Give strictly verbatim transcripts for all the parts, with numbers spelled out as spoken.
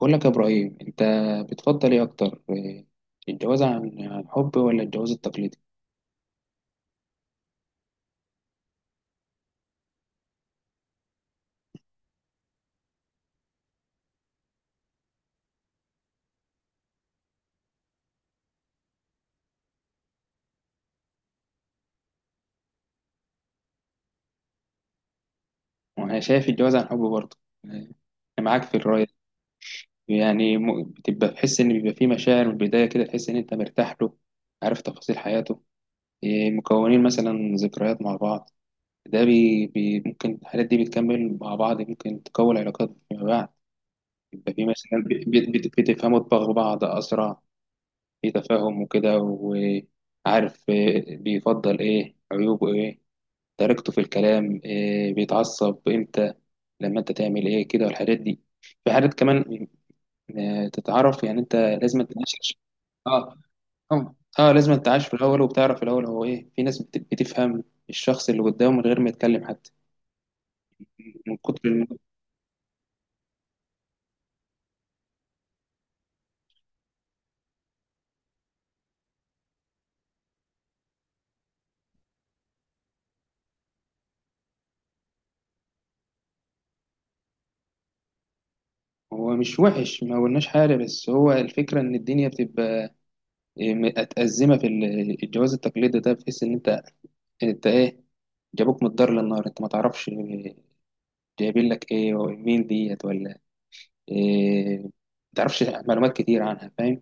بقول لك يا إبراهيم، أنت بتفضل إيه أكتر؟ إيه، الجواز عن عن حب ولا الجواز التقليدي؟ وأنا شايف الجواز عن حب برضه. إيه، أنا معاك في الرأي دي. يعني م- بتبقى تحس إن بيبقى فيه مشاعر من البداية كده، تحس إن أنت مرتاح له، عارف تفاصيل حياته، إيه، مكونين مثلا ذكريات مع بعض. ده بي بي ممكن الحاجات دي بتكمل مع بعض، ممكن تكون علاقات فيما بعد. يبقى في مثلا بت- بت- بت- بتفهموا دماغ بعض أسرع، في تفاهم وكده، وعارف إيه بيفضل، ايه عيوبه، ايه طريقته في الكلام، إيه بيتعصب امتى، لما انت تعمل ايه كده، والحاجات دي. في حاجات كمان، آه، تتعرف. يعني انت لازم تعيش. اه اه آه، لازم تعيش في الاول، وبتعرف في الاول هو ايه. في ناس بت- بتفهم الشخص اللي قدامه من غير ما يتكلم حتى، من كتر الم... هو مش وحش، ما قلناش حاجه. بس هو الفكره ان الدنيا بتبقى آه، متأزمة. في ال- الجواز التقليدي ده، بتحس إن أنت أنت إيه، جابوك من الدار للنار، انت ما تعرفش جايبين لك ايه ومين ديت، ولا ايه، ما تعرفش معلومات كتير عنها، فاهم؟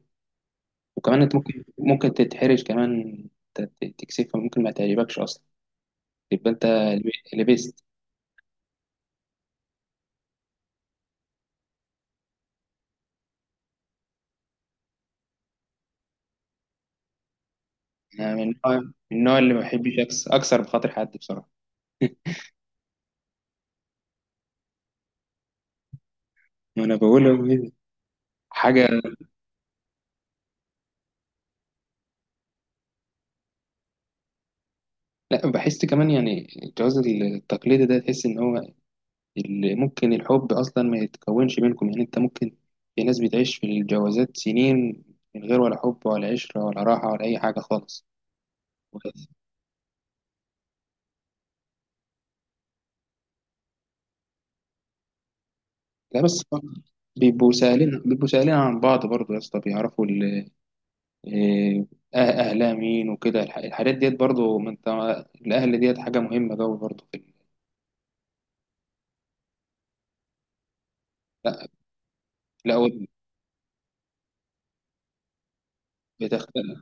وكمان انت ممكن ممكن تتحرج كمان، ت- ت- تكسفها، ممكن ما تعجبكش اصلا، يبقى انت لب- لبست. انا من النوع من النوع اللي ما بحبش أكس- اكسر بخاطر حد بصراحه. ما انا بقول حاجه. لا، بحس كمان يعني الجواز التقليدي ده، تحس ان هو اللي ممكن الحب اصلا ما يتكونش بينكم. يعني انت ممكن، في ناس بتعيش في الجوازات سنين من غير ولا حب ولا عشرة ولا راحة ولا اي حاجة خالص. لا بس، بيبقوا سائلين بيبقوا سائلين عن بعض برضه يا اسطى، بيعرفوا ال- إيه، أه- اهلها مين وكده، الح- الحاجات ديت برضه. ما انت، الاهل ديت حاجة مهمة قوي برضه في ال- لا لا، هو بتختلف.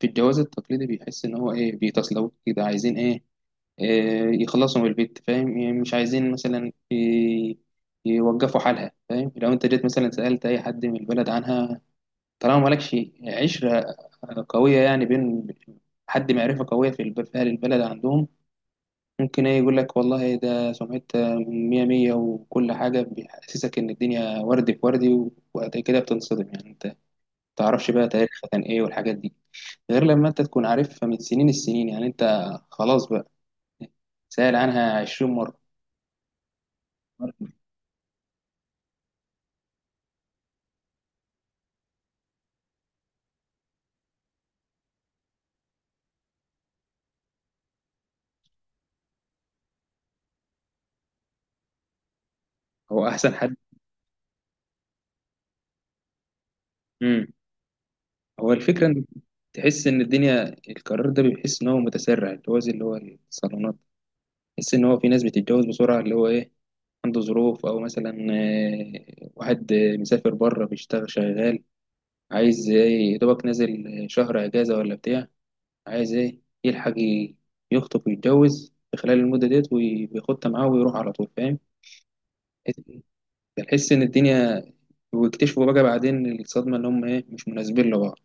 في الجواز التقليدي بيحس ان هو ايه، بيتصلوا كده عايزين ايه، آه، يخلصوا من البيت، فاهم يعني؟ مش عايزين مثلا ي- يوقفوا حالها، فاهم؟ لو انت جيت مثلا سألت اي حد من البلد عنها، طالما مالكش عشرة قوية يعني، بين حد معرفة قوية في الب- في أهل البلد عندهم، ممكن ايه يقول لك والله، ده سمعتها مية مية وكل حاجة، بيحسسك إن الدنيا وردي في وردي، وبعد كده بتنصدم. يعني أنت متعرفش بقى تاريخها كان إيه والحاجات دي، غير لما أنت تكون عارفها من سنين السنين. يعني أنت خلاص بقى، سأل عنها عشرين مرة. هو احسن حد. امم هو الفكره ان، تحس ان الدنيا القرار ده، بيحس ان هو متسرع، اللي هو زي اللي هو الصالونات، تحس ان هو في ناس بتتجوز بسرعه، اللي هو ايه عنده ظروف، او مثلا آه، واحد آه، مسافر بره بيشتغل، شغال عايز ايه، يا دوبك نازل شهر اجازه ولا بتاع، عايز ايه يلحق ي- يخطب ويتجوز في خلال المده ديت، وياخدها معاه ويروح على طول، فاهم؟ تحس ان الدنيا، واكتشفوا بقى بعدين الصدمه ان هم ايه، مش مناسبين لبعض.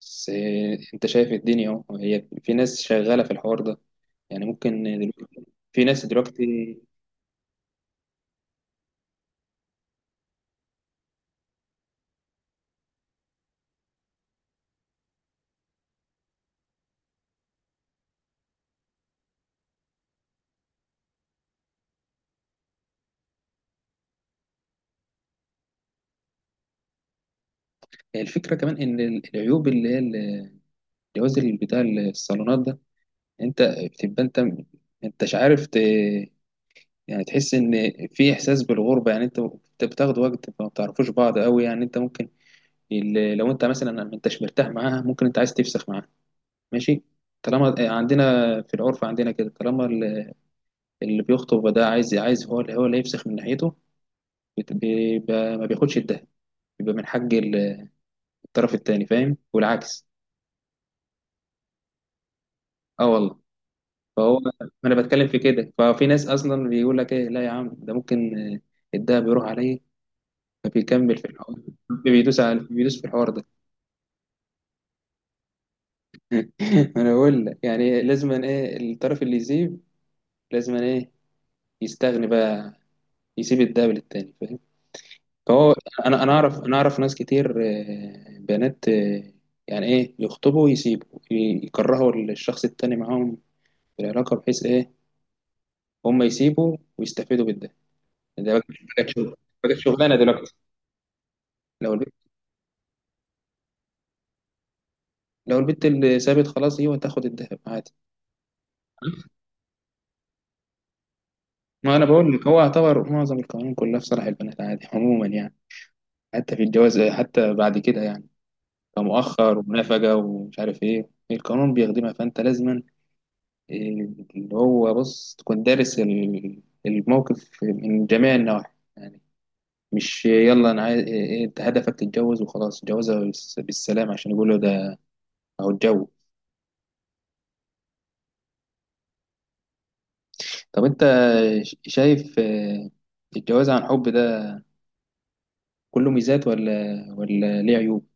بس آه، انت شايف الدنيا اهو، هي في ناس شغاله في الحوار ده، يعني ممكن دلوقتي، في ناس دلوقتي. الفكره كمان ان العيوب اللي هي الجواز اللي بتاع الصالونات ده، انت بتبقى انت، انت مش عارف ت... يعني تحس ان في احساس بالغربه. يعني انت، انت بتاخد وقت ما بتعرفوش بعض قوي. يعني انت ممكن، ال- لو انت مثلا ما انتش مرتاح معاها، ممكن انت عايز تفسخ معاها، ماشي. طالما آه، عندنا في العرف عندنا كده، طالما ال- اللي بيخطب ده عايز عايز هو هو اللي هيفسخ من ناحيته، بت- بيبقى ما بياخدش الدهب، بيبقى من حق ال- الطرف التاني، فاهم؟ والعكس. اه، والله. فهو، ما انا بتكلم في كده. ففي ناس اصلا بيقول لك ايه، لا يا عم، ده ممكن آه، الدهب يروح عليه، فبيكمل في الحوار، بيدوس على بيدوس في الحوار ده. انا بقول لك، يعني لازم ايه الطرف اللي يسيب، لازم ايه يستغني بقى، يسيب الدهب للتاني، فاهم؟ فهو انا انا اعرف انا اعرف ناس كتير، آه، بنات آه، يعني ايه، يخطبوا ويسيبوا ي- يكرهوا الشخص التاني معاهم في العلاقة بحيث إيه، هم يسيبوا ويستفيدوا بالده. ده بقى مش محتاج شغل، محتاج شغلانة دلوقتي. لو البت لو البت اللي سابت خلاص، هي تاخد الذهب عادي. ما أنا بقول لك، هو يعتبر معظم القوانين كلها في صالح البنات عادي، عموما يعني، حتى في الجواز، حتى بعد كده يعني، كمؤخر ومنافقة ومش عارف إيه، القانون بيخدمها، فأنت لازما إيه، اللي هو بص، تكون دارس ال- الموقف من جميع النواحي. يعني مش يلا انا عايز إيه- إيه، انت هدفك تتجوز وخلاص، جوازها بالس- بالسلام عشان يقولوا ده، او الجو. طب انت ش- شايف آه، الجواز عن حب ده كله ميزات، ولا ولا ليه عيوب؟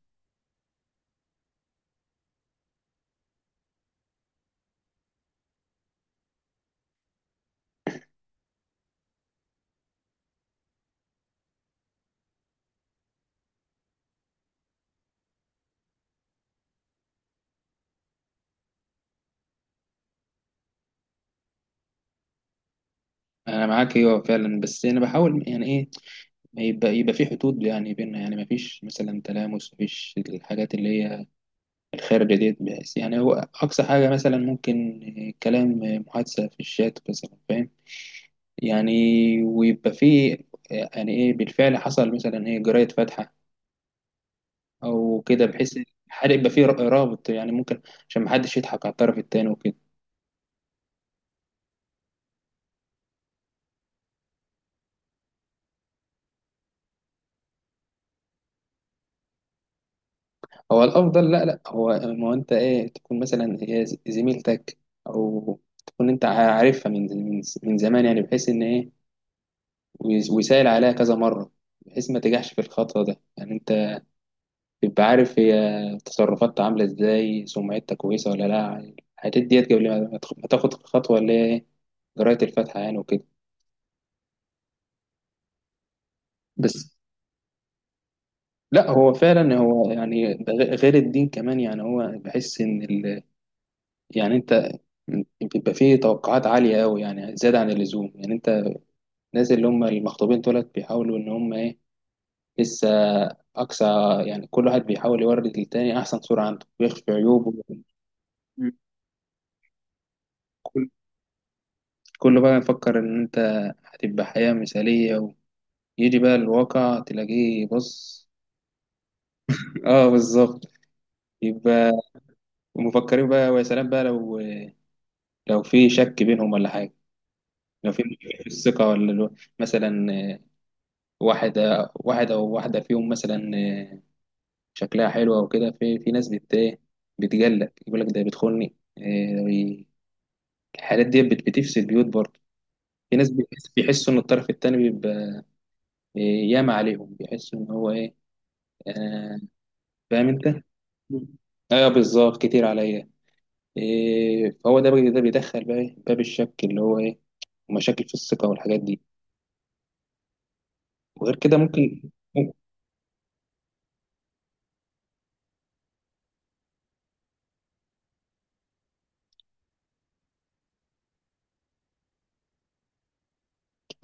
انا معاك، ايوه فعلا. بس انا بحاول يعني ايه، ما يبقى يبقى في حدود يعني بيننا، يعني ما فيش مثلا تلامس، ما فيش الحاجات اللي هي الخارجة ديت. بس يعني هو اقصى حاجة مثلا ممكن آه، كلام، آه، محادثة في الشات مثلا، فاهم يعني؟ ويبقى في آه، يعني ايه، بالفعل حصل مثلا ايه، جراية فاتحة او كده، بحيث الحرق يبقى فيه رابط يعني ممكن، عشان محدش يضحك على الطرف التاني وكده. هو الافضل، لا لا، هو ما هو انت ايه، تكون مثلا هي ز- زميلتك، او تكون انت عارفها من من من زمان، يعني بحيث ان ايه، ويس- ويسأل عليها كذا مره، بحيث ما تجحش في الخطوه ده. يعني انت تبقى عارف هي تصرفاتها عامله ازاي، سمعتها كويسه ولا لا، الحاجات ديت قبل ما ما تاخد الخطوه اللي هي إيه، جرايه الفاتحه يعني وكده. بس، لا هو فعلا هو يعني ده غ- غير الدين كمان. يعني هو بحس ان ال... يعني انت بيبقى فيه توقعات عالية قوي، يعني زيادة عن اللزوم. يعني انت الناس اللي هم المخطوبين دولت، بيحاولوا ان هم ايه، لسه اقصى، يعني كل واحد بيحاول يورد للتاني احسن صورة عنده ويخفي عيوبه. مم. كل كله بقى يفكر ان انت هتبقى حياة مثالية، ويجي بقى الواقع تلاقيه، بص. اه بالظبط. يبقى، ومفكرين بقى، ويا سلام بقى لو، لو في شك بينهم ولا حاجة، لو في في الثقة، ولا لو- مثلا آه، واحد آه، واحد أو واحدة فيهم مثلا آه، شكلها حلو أو كده، في في ناس بت إيه، بتجلد يقول لك ده بيدخلني آه، الحالات دي بت- بتفسد بيوت برضه. في ناس بيحس- بيحسوا إن الطرف التاني بيبقى آه، ياما عليهم، بيحسوا إن هو إيه، آه، فاهم أنت؟ مم. أيوه بالظبط، كتير عليا. إيه، فهو ده بي- ده بيدخل بقى إيه، باب الشك اللي هو إيه، مشاكل في الثقة والحاجات دي. وغير كده ممكن،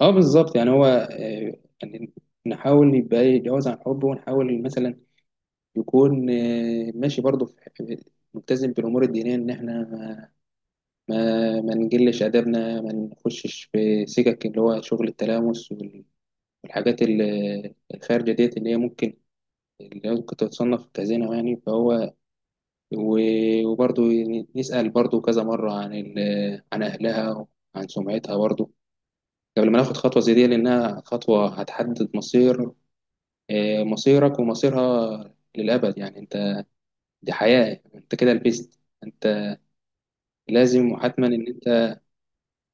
اه بالظبط. يعني هو آه، يعني نحاول يبقى يتجاوز عن حبه، ونحاول مثلا يكون آه، ماشي برضه، في في- ملتزم بالامور الدينيه، ان احنا ما ما, ما نجلش ادبنا، ما نخشش في سكك اللي هو شغل التلامس وال- والحاجات ال- الخارجه ديت، اللي هي ممكن، اللي هي ممكن تتصنف كزنا. يعني فهو و- وبرضه نسأل برضه كذا مرة عن ال- عن أهلها وعن سمعتها برضه، قبل ما ناخد خطوة زي دي، لأنها خطوة هتحدد مصير آه، مصيرك ومصيرها للأبد. يعني أنت دي حياة، أنت كده لبست، أنت لازم وحتما إن أنت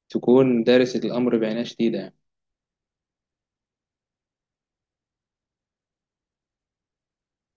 تكون دارس الأمر بعناية شديدة.